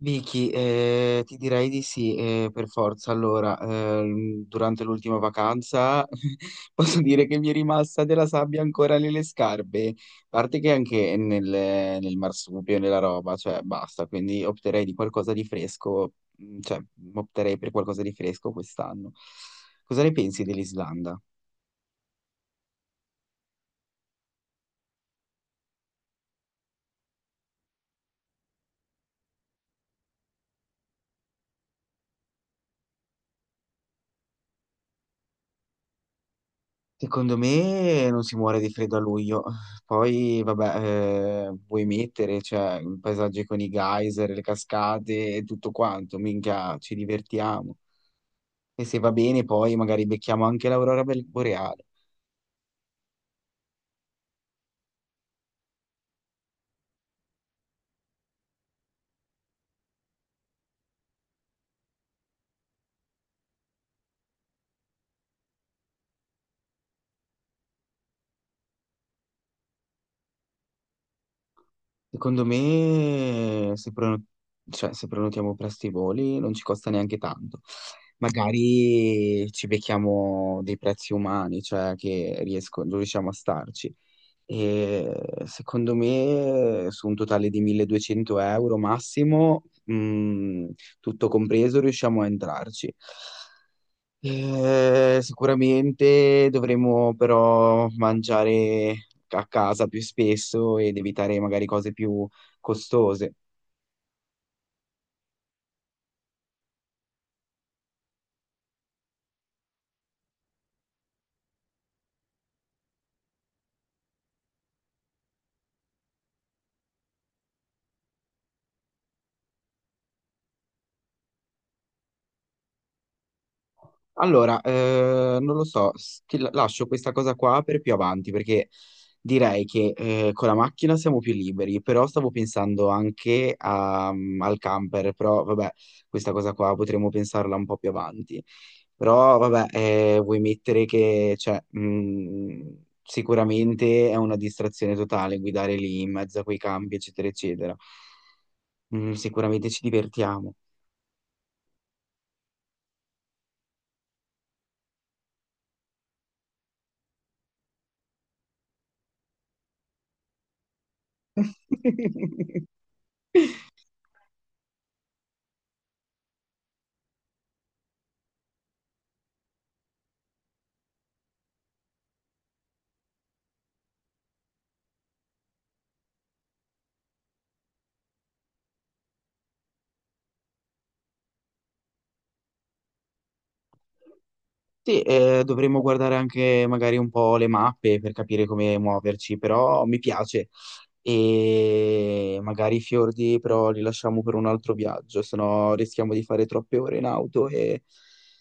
Vicky, ti direi di sì, per forza. Allora, durante l'ultima vacanza posso dire che mi è rimasta della sabbia ancora nelle scarpe, a parte che anche nel marsupio, nella roba, cioè basta, quindi opterei di qualcosa di fresco, mm, cioè opterei per qualcosa di fresco quest'anno. Cosa ne pensi dell'Islanda? Secondo me non si muore di freddo a luglio. Poi, vabbè, vuoi mettere, cioè, un paesaggio con i geyser, le cascate e tutto quanto, minchia, ci divertiamo. E se va bene, poi magari becchiamo anche l'aurora boreale. Secondo me, se, prono- cioè, se prenotiamo presto i voli, non ci costa neanche tanto. Magari ci becchiamo dei prezzi umani, cioè che riusciamo a starci. E secondo me su un totale di 1200 euro massimo, tutto compreso, riusciamo a entrarci. Sicuramente dovremo però mangiare a casa più spesso ed evitare magari cose più costose. Allora, non lo so, lascio questa cosa qua per più avanti perché direi che con la macchina siamo più liberi, però stavo pensando anche al camper, però vabbè, questa cosa qua potremmo pensarla un po' più avanti. Però vabbè, vuoi mettere che cioè, sicuramente è una distrazione totale guidare lì in mezzo a quei campi, eccetera, eccetera. Sicuramente ci divertiamo. Sì, dovremmo guardare anche magari un po' le mappe per capire come muoverci, però mi piace. E magari i fiordi però li lasciamo per un altro viaggio, sennò rischiamo di fare troppe ore in auto e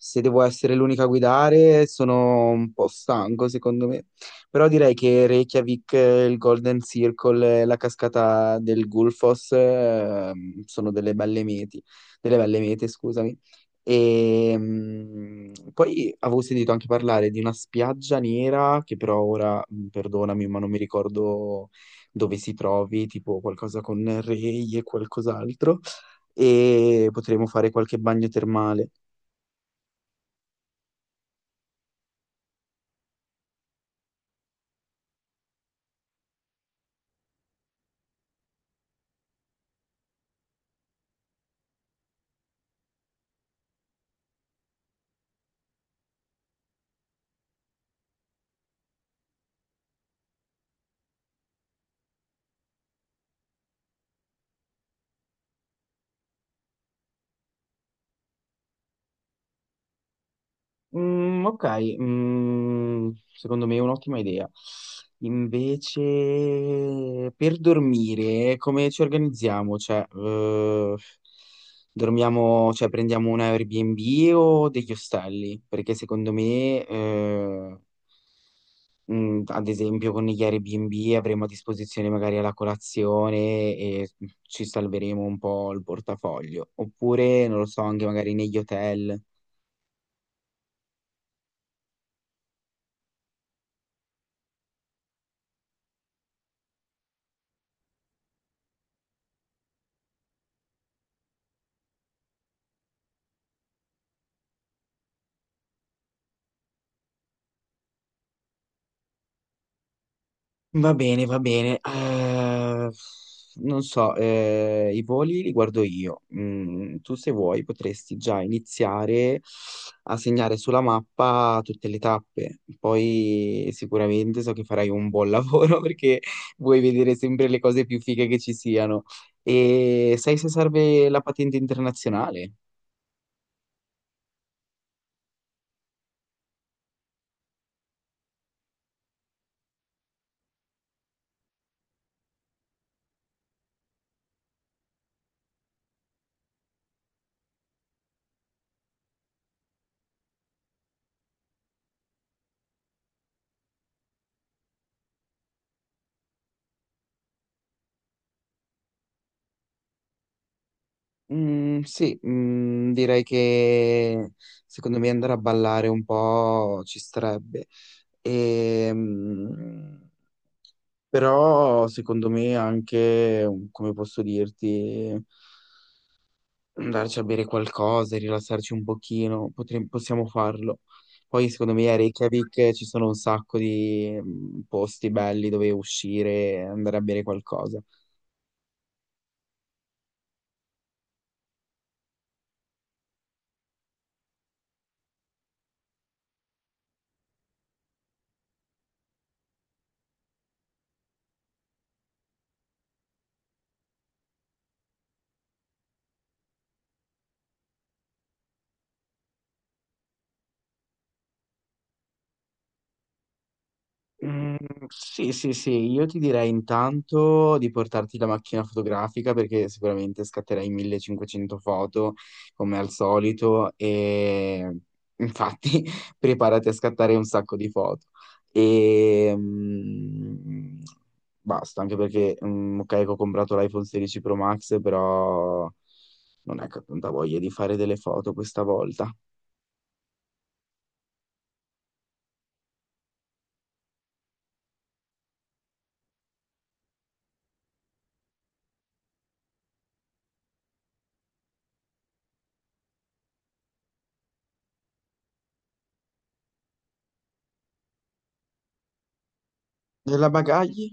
se devo essere l'unica a guidare sono un po' stanco secondo me. Però direi che Reykjavik, il Golden Circle, la cascata del Gullfoss, sono delle belle mete, scusami. E poi avevo sentito anche parlare di una spiaggia nera, che però ora, perdonami, ma non mi ricordo dove si trovi, tipo qualcosa con Rei e qualcos'altro, e potremmo fare qualche bagno termale. Mm, ok, mm, secondo me è un'ottima idea. Invece, per dormire, come ci organizziamo? Cioè, dormiamo, cioè, prendiamo un Airbnb o degli ostelli? Perché secondo me, ad esempio, con gli Airbnb avremo a disposizione magari la colazione e ci salveremo un po' il portafoglio. Oppure, non lo so, anche magari negli hotel. Va bene, va bene. Non so, i voli li guardo io. Tu se vuoi potresti già iniziare a segnare sulla mappa tutte le tappe. Poi sicuramente so che farai un buon lavoro perché vuoi vedere sempre le cose più fighe che ci siano. E sai se serve la patente internazionale? Mm, sì, direi che secondo me andare a ballare un po' ci starebbe. E, mm, Però secondo me anche, come posso dirti, andarci a bere qualcosa e rilassarci un pochino, possiamo farlo. Poi secondo me a Reykjavik ci sono un sacco di posti belli dove uscire e andare a bere qualcosa. Mm, sì, sì, sì. Io ti direi intanto di portarti la macchina fotografica perché sicuramente scatterai 1500 foto come al solito e infatti preparati a scattare un sacco di foto. E basta, anche perché ok, che ho comprato l'iPhone 16 Pro Max, però non è che ho tanta voglia di fare delle foto questa volta. Della bagagli?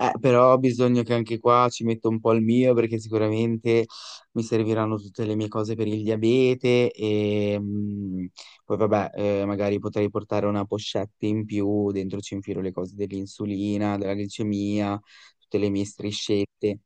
Però bisogna che anche qua ci metto un po' il mio perché sicuramente mi serviranno tutte le mie cose per il diabete e poi vabbè, magari potrei portare una pochette in più, dentro ci infilo le cose dell'insulina, della glicemia, tutte le mie striscette.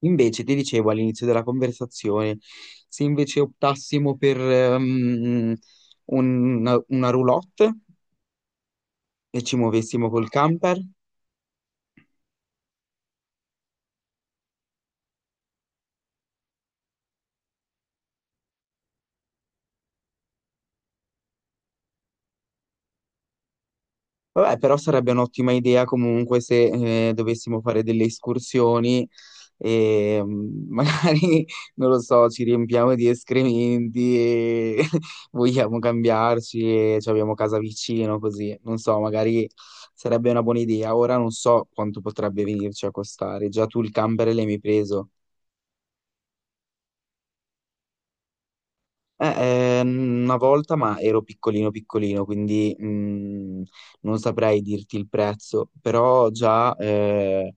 Invece ti dicevo all'inizio della conversazione, se invece optassimo per una roulotte e ci muovessimo col camper. Vabbè, però sarebbe un'ottima idea comunque se dovessimo fare delle escursioni e magari, non lo so, ci riempiamo di escrementi e vogliamo cambiarci e ci abbiamo casa vicino, così. Non so, magari sarebbe una buona idea. Ora non so quanto potrebbe venirci a costare. Già tu il camper l'hai mi preso. Una volta, ma ero piccolino piccolino, quindi non saprei dirti il prezzo, però già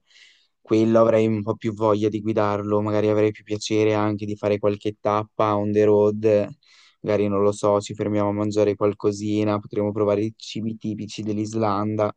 quello avrei un po' più voglia di guidarlo, magari avrei più piacere anche di fare qualche tappa on the road, magari non lo so, ci fermiamo a mangiare qualcosina, potremmo provare i cibi tipici dell'Islanda.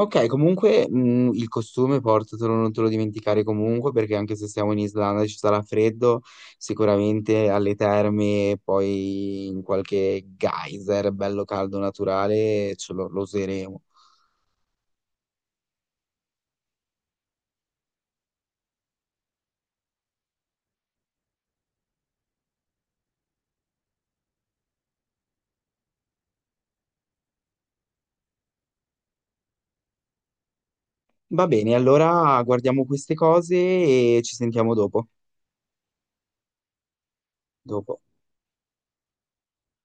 Ok, comunque il costume portatelo, non te lo dimenticare comunque, perché anche se siamo in Islanda e ci sarà freddo, sicuramente alle terme, poi in qualche geyser bello caldo naturale, lo useremo. Va bene, allora guardiamo queste cose e ci sentiamo dopo. Dopo.